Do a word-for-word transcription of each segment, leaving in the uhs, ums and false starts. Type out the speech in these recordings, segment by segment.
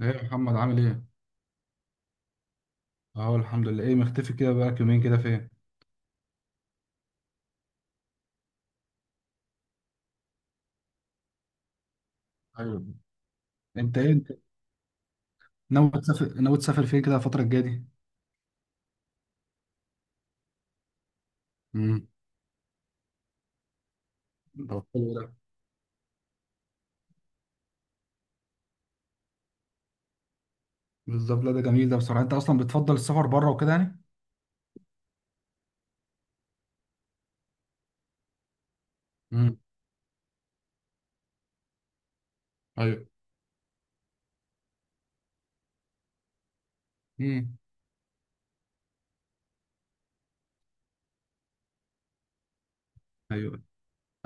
ايه يا محمد عامل ايه؟ اهو الحمد لله. ايه مختفي كده بقالك يومين كده فين؟ ايوه. انت ايه انت ناوي تسافر ناوي تسافر فين كده الفترة الجاية دي؟ امم. طب حلو ده. بالظبط، لا ده جميل ده بصراحة. انت اصلا بتفضل السفر بره وكده يعني؟ امم. ايوه. امم. ايوه،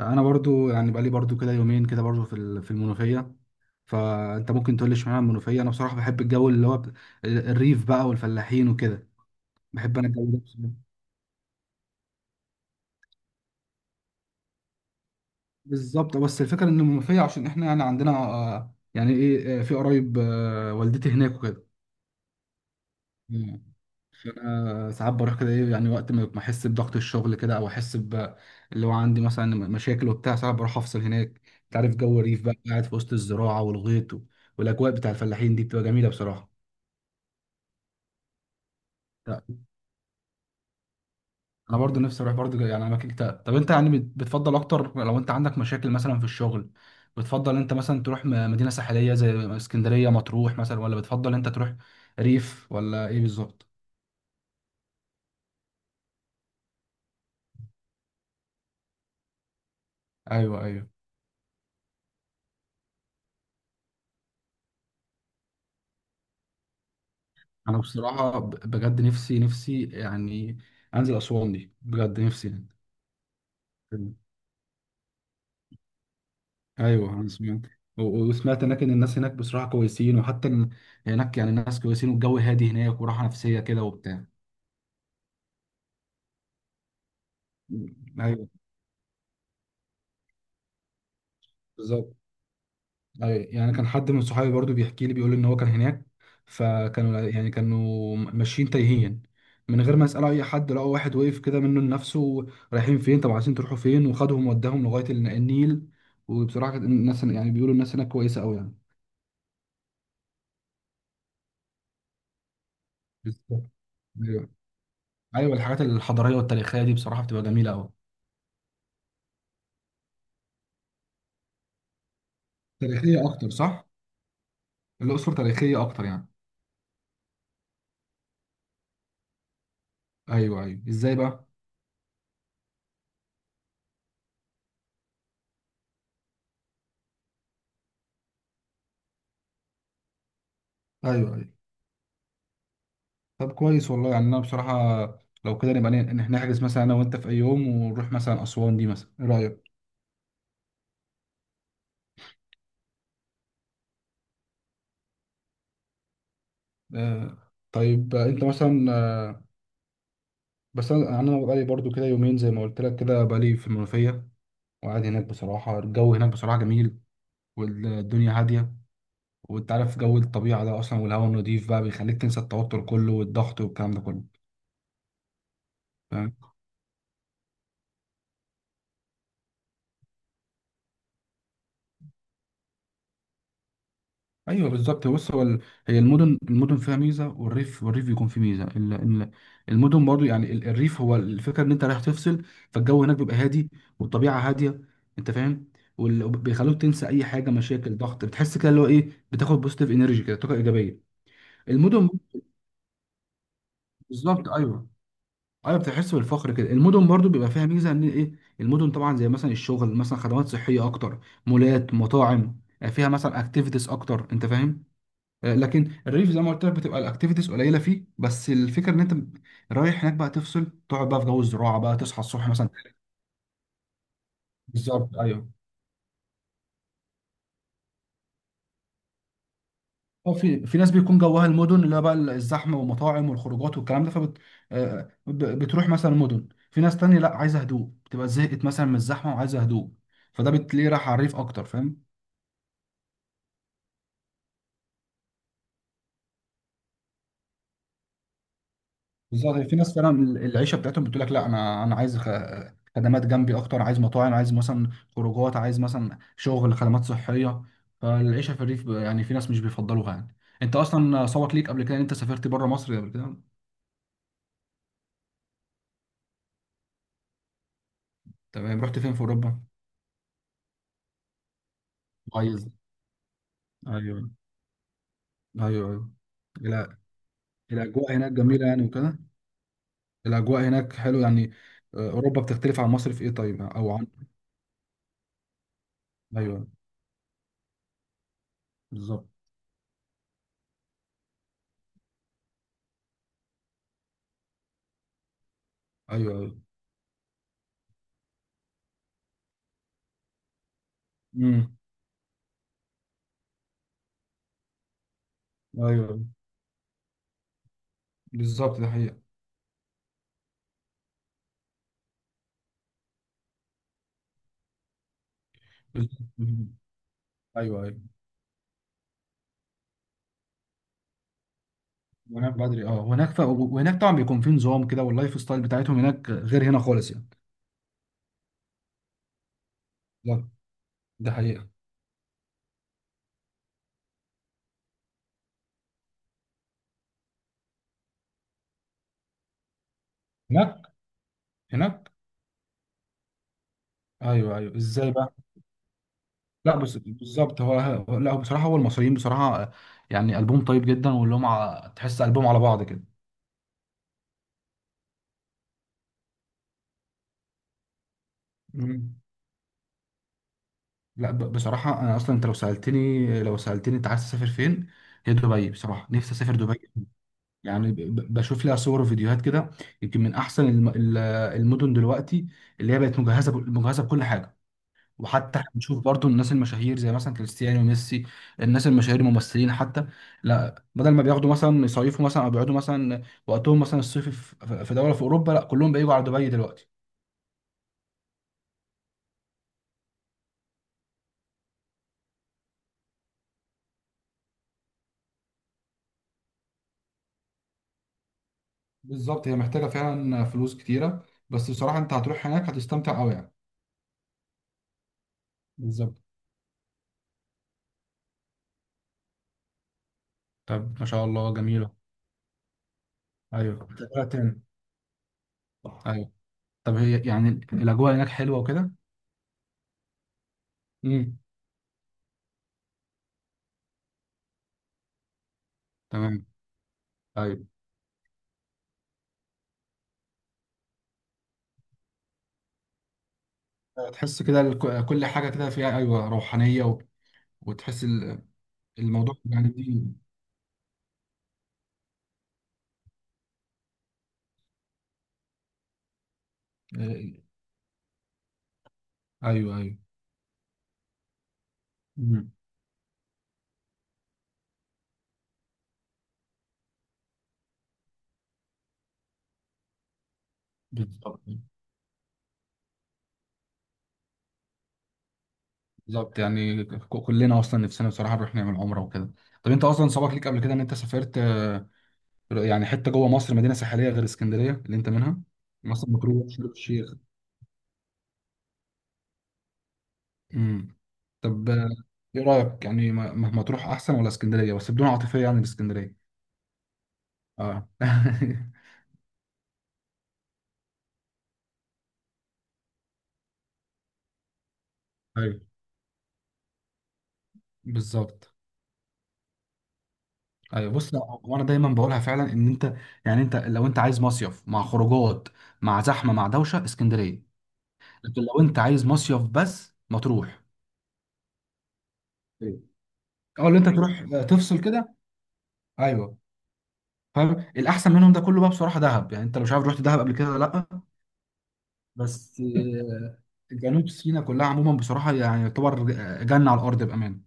انا برضو يعني بقالي برضو كده يومين كده برضو في ال- في المنوفية. فانت ممكن تقول لي اشمعنى المنوفية؟ انا بصراحة بحب الجو اللي هو ب- الريف بقى والفلاحين وكده. بحب انا الجو ده. بالظبط، بس الفكره ان المنوفيه عشان احنا يعني عندنا آه، يعني ايه آه، في قرايب آه، والدتي هناك وكده. مم. انا ساعات بروح كده، ايه يعني وقت ما ما احس بضغط الشغل كده، او احس ب اللي هو عندي مثلا مشاكل وبتاع. ساعات بروح افصل هناك. انت عارف جو الريف بقى، قاعد في وسط الزراعه والغيط و- والاجواء بتاع الفلاحين دي بتبقى جميله بصراحه. انا برضو نفسي اروح برضو يعني اماكن كتير. طب انت يعني بت- بتفضل اكتر لو انت عندك مشاكل مثلا في الشغل، بتفضل انت مثلا تروح م- مدينة ساحلية زي اسكندرية مطروح مثلا، ولا بتفضل انت تروح ريف، ولا ايه بالظبط؟ ايوه ايوه. انا بصراحة ب- بجد نفسي، نفسي يعني انزل اسوان دي. بجد نفسي يعني. ايوه انا سمعت. و- و- وسمعت هناك ان الناس هناك بصراحة كويسين، وحتى إن هناك يعني الناس كويسين والجو هادي هناك، وراحة نفسية كده وبتاع. ايوه. بالظبط. أيوة، يعني كان حد من صحابي برضو بيحكي لي، بيقول ان هو كان هناك، فكانوا يعني كانوا ماشيين تايهين من غير ما يسالوا اي حد، لقوا واحد وقف كده منه لنفسه: رايحين فين؟ طب عايزين تروحوا فين؟ وخدهم وداهم لغايه الن- النيل. وبصراحه كانت الناس يعني بيقولوا الناس هناك كويسه قوي يعني. بالظبط. ايوه. ايوه، الحاجات الحضاريه والتاريخيه دي بصراحه بتبقى جميله قوي. تاريخيه اكتر، صح؟ الاقصر تاريخيه اكتر يعني. ايوه ايوه، ازاي بقى؟ ايوه ايوه. طب كويس والله، يعني انا بصراحه لو كده نبقى ن- إن نحجز مثلا انا وانت في اي يوم، ونروح مثلا اسوان دي مثلا، ايه رايك؟ آه. طيب آه، انت مثلا آه، بس انا انا بقالي برضو كده يومين زي ما قلت لك، كده بقالي في المنوفيه وقاعد هناك. بصراحه الجو هناك بصراحه جميل، والدنيا هاديه، وانت عارف جو الطبيعه ده اصلا والهواء النضيف بقى بيخليك تنسى التوتر كله والضغط والكلام ده كله. ايوه بالظبط. بص هو ال- هي المدن، المدن فيها ميزه، والريف، والريف بيكون فيه ميزه ال- ال- المدن برضو يعني ال- الريف هو الفكره ان انت رايح تفصل، فالجو هناك بيبقى هادي والطبيعه هاديه، انت فاهم؟ وال- وبيخلوك تنسى اي حاجه، مشاكل، ضغط، بتحس كده اللي هو ايه، بتاخد بوزيتيف انرجي كده، طاقه ايجابيه. المدن، بالظبط، ايوه ايوه. بتحس بالفخر كده. المدن برضو بيبقى فيها ميزه ان ايه، المدن طبعا زي مثلا الشغل، مثلا خدمات صحيه اكتر، مولات، مطاعم، فيها مثلا اكتيفيتيز اكتر، انت فاهم؟ آه، لكن الريف زي ما قلت لك بتبقى الاكتيفيتيز قليله فيه، بس الفكره ان انت رايح هناك بقى تفصل، تقعد بقى في جو الزراعه بقى، تصحى الصبح مثلا. بالظبط ايوه. اه في في ناس بيكون جواها المدن اللي هي بقى الزحمه والمطاعم والخروجات والكلام ده، فبت آه، ب- بتروح مثلا مدن. في ناس تانية لا عايزه هدوء، بتبقى زهقت مثلا من الزحمه وعايزه هدوء، فده بتلاقيه راح على الريف اكتر، فاهم؟ بالظبط، في ناس فعلا العيشه بتاعتهم بتقول لك لا انا، انا عايز خ- خدمات جنبي اكتر، عايز مطاعم، عايز مثلا خروجات، عايز مثلا شغل، خدمات صحيه. فالعيشه في الريف ب- يعني في ناس مش بيفضلوها يعني. انت اصلا سبق ليك قبل كده ان انت سافرت بره مصر قبل كده؟ تمام، رحت فين في اوروبا؟ كويس. ايوه. ايوه ايوه. لا، الاجواء هناك جميله يعني وكده. الاجواء هناك حلو يعني. آه، اوروبا بتختلف عن مصر في ايه طيب، او عن؟ ايوه بالظبط. ايوه ايوه. امم. ايوه بالظبط ده. حقيقة. ايوه ايوه. هناك بدري اه، وهناك ف... وهناك طبعا بيكون في نظام كده، واللايف ستايل بتاعتهم هناك غير هنا خالص يعني. لا، ده حقيقة. هناك، هناك. ايوه ايوه، ازاي بقى؟ لا بس بالظبط هو هو- لا هو بصراحة هو المصريين بصراحة آه، يعني قلبهم طيب جدا، واللي هم ع- تحس قلبهم على بعض كده. مم. لا ب... بصراحة انا اصلا، انت لو سألتني، لو سألتني انت عايز تسافر فين، هي دبي. بصراحة نفسي اسافر دبي يعني. ب... ب- بشوف لها صور وفيديوهات كده. يمكن من احسن الم... ال- المدن دلوقتي اللي هي بقت مجهزة ب... مجهزة بكل حاجة. وحتى احنا بنشوف برضو الناس المشاهير، زي مثلا كريستيانو وميسي، الناس المشاهير الممثلين حتى، لا بدل ما بياخدوا مثلا يصيفوا مثلا او بيقعدوا مثلا وقتهم مثلا الصيفي في في دوله في اوروبا، لا كلهم بييجوا على دبي دلوقتي. بالظبط، هي محتاجه فعلا فلوس كتيره، بس بصراحه انت هتروح هناك هتستمتع قوي يعني. بالظبط. طب ما شاء الله، جميله. ايوه تبقى تاني. ايوه. طب هي يعني الاجواء هناك حلوه وكده؟ امم. تمام. ايوه. تحس كده الك- كل حاجه كده فيها ايوه روحانيه، و- وتحس ال- الموضوع يعني دي. آه، ايوه ايوه. مم. بالظبط. بالظبط يعني ك- كلنا اصلا نفسنا بصراحه نروح نعمل عمره وكده. طب انت اصلا سبق ليك قبل كده ان انت سافرت آه، يعني حته جوه مصر، مدينه ساحليه غير اسكندريه اللي انت منها؟ مصر، مطروح، شرم الشيخ. امم. طب آه، ايه رايك يعني ما ما- مطروح احسن ولا اسكندريه، بس بدون عاطفيه يعني الاسكندريه؟ اه ايوه بالظبط. ايوه بص، لا هو انا دايما بقولها فعلا ان انت، يعني انت لو انت عايز مصيف مع خروجات، مع زحمه، مع دوشه، اسكندريه. لكن لو انت عايز مصيف بس، مطروح. ايوه. او اللي انت تروح آه، تفصل كده. ايوه. فاهم. الاحسن منهم ده كله بقى بصراحه دهب، يعني انت لو مش عارف، رحت دهب قبل كده ولا لا؟ بس آه، جنوب سيناء كلها عموما بصراحه يعني يعتبر آه، جنه على الارض بامانه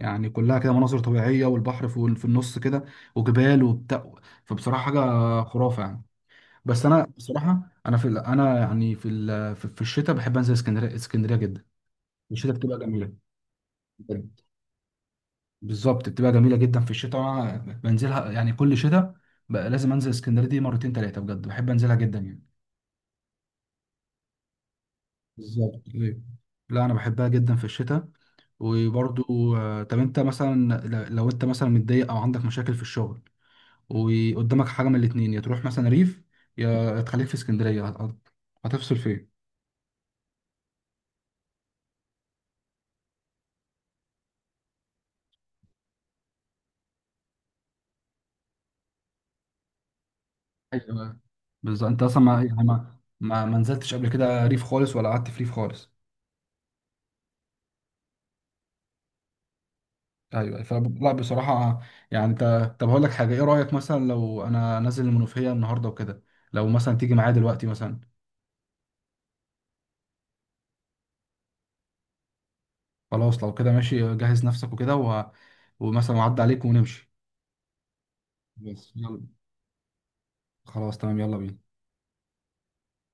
يعني. كلها كده مناظر طبيعيه، والبحر في في النص كده، وجبال وبتاع. فبصراحه حاجه خرافه يعني. بس انا بصراحه، انا في ال- انا يعني في ال- في في الشتاء بحب انزل اسكندريه، اسكندريه جدا. الشتاء بتبقى جميله بجد. بالظبط بتبقى جميله جدا في الشتاء. وانا بنزلها يعني كل شتاء بقى، لازم انزل اسكندريه دي مرتين ثلاثه، بجد بحب انزلها جدا يعني. بالظبط ايوه. لا انا بحبها جدا في الشتاء. وبرضو آه، طب انت مثلا ل- لو انت مثلا متضايق او عندك مشاكل في الشغل، وقدامك حاجه من الاتنين، يا تروح مثلا ريف، يا تخليك في اسكندريه، هت- هتفصل فين؟ ايوه بالظبط. انت اصلا ما يعني ما ما ما نزلتش قبل كده ريف خالص، ولا قعدت في ريف خالص؟ ايوه. فلا بصراحه يعني انت، طب هقول لك حاجه: ايه رايك مثلا لو انا نازل المنوفيه النهارده وكده، لو مثلا تيجي معايا دلوقتي مثلا؟ خلاص، لو كده ماشي، جهز نفسك وكده و... ومثلا اعدي عليك ونمشي. بس يلا. خلاص تمام، يلا بينا.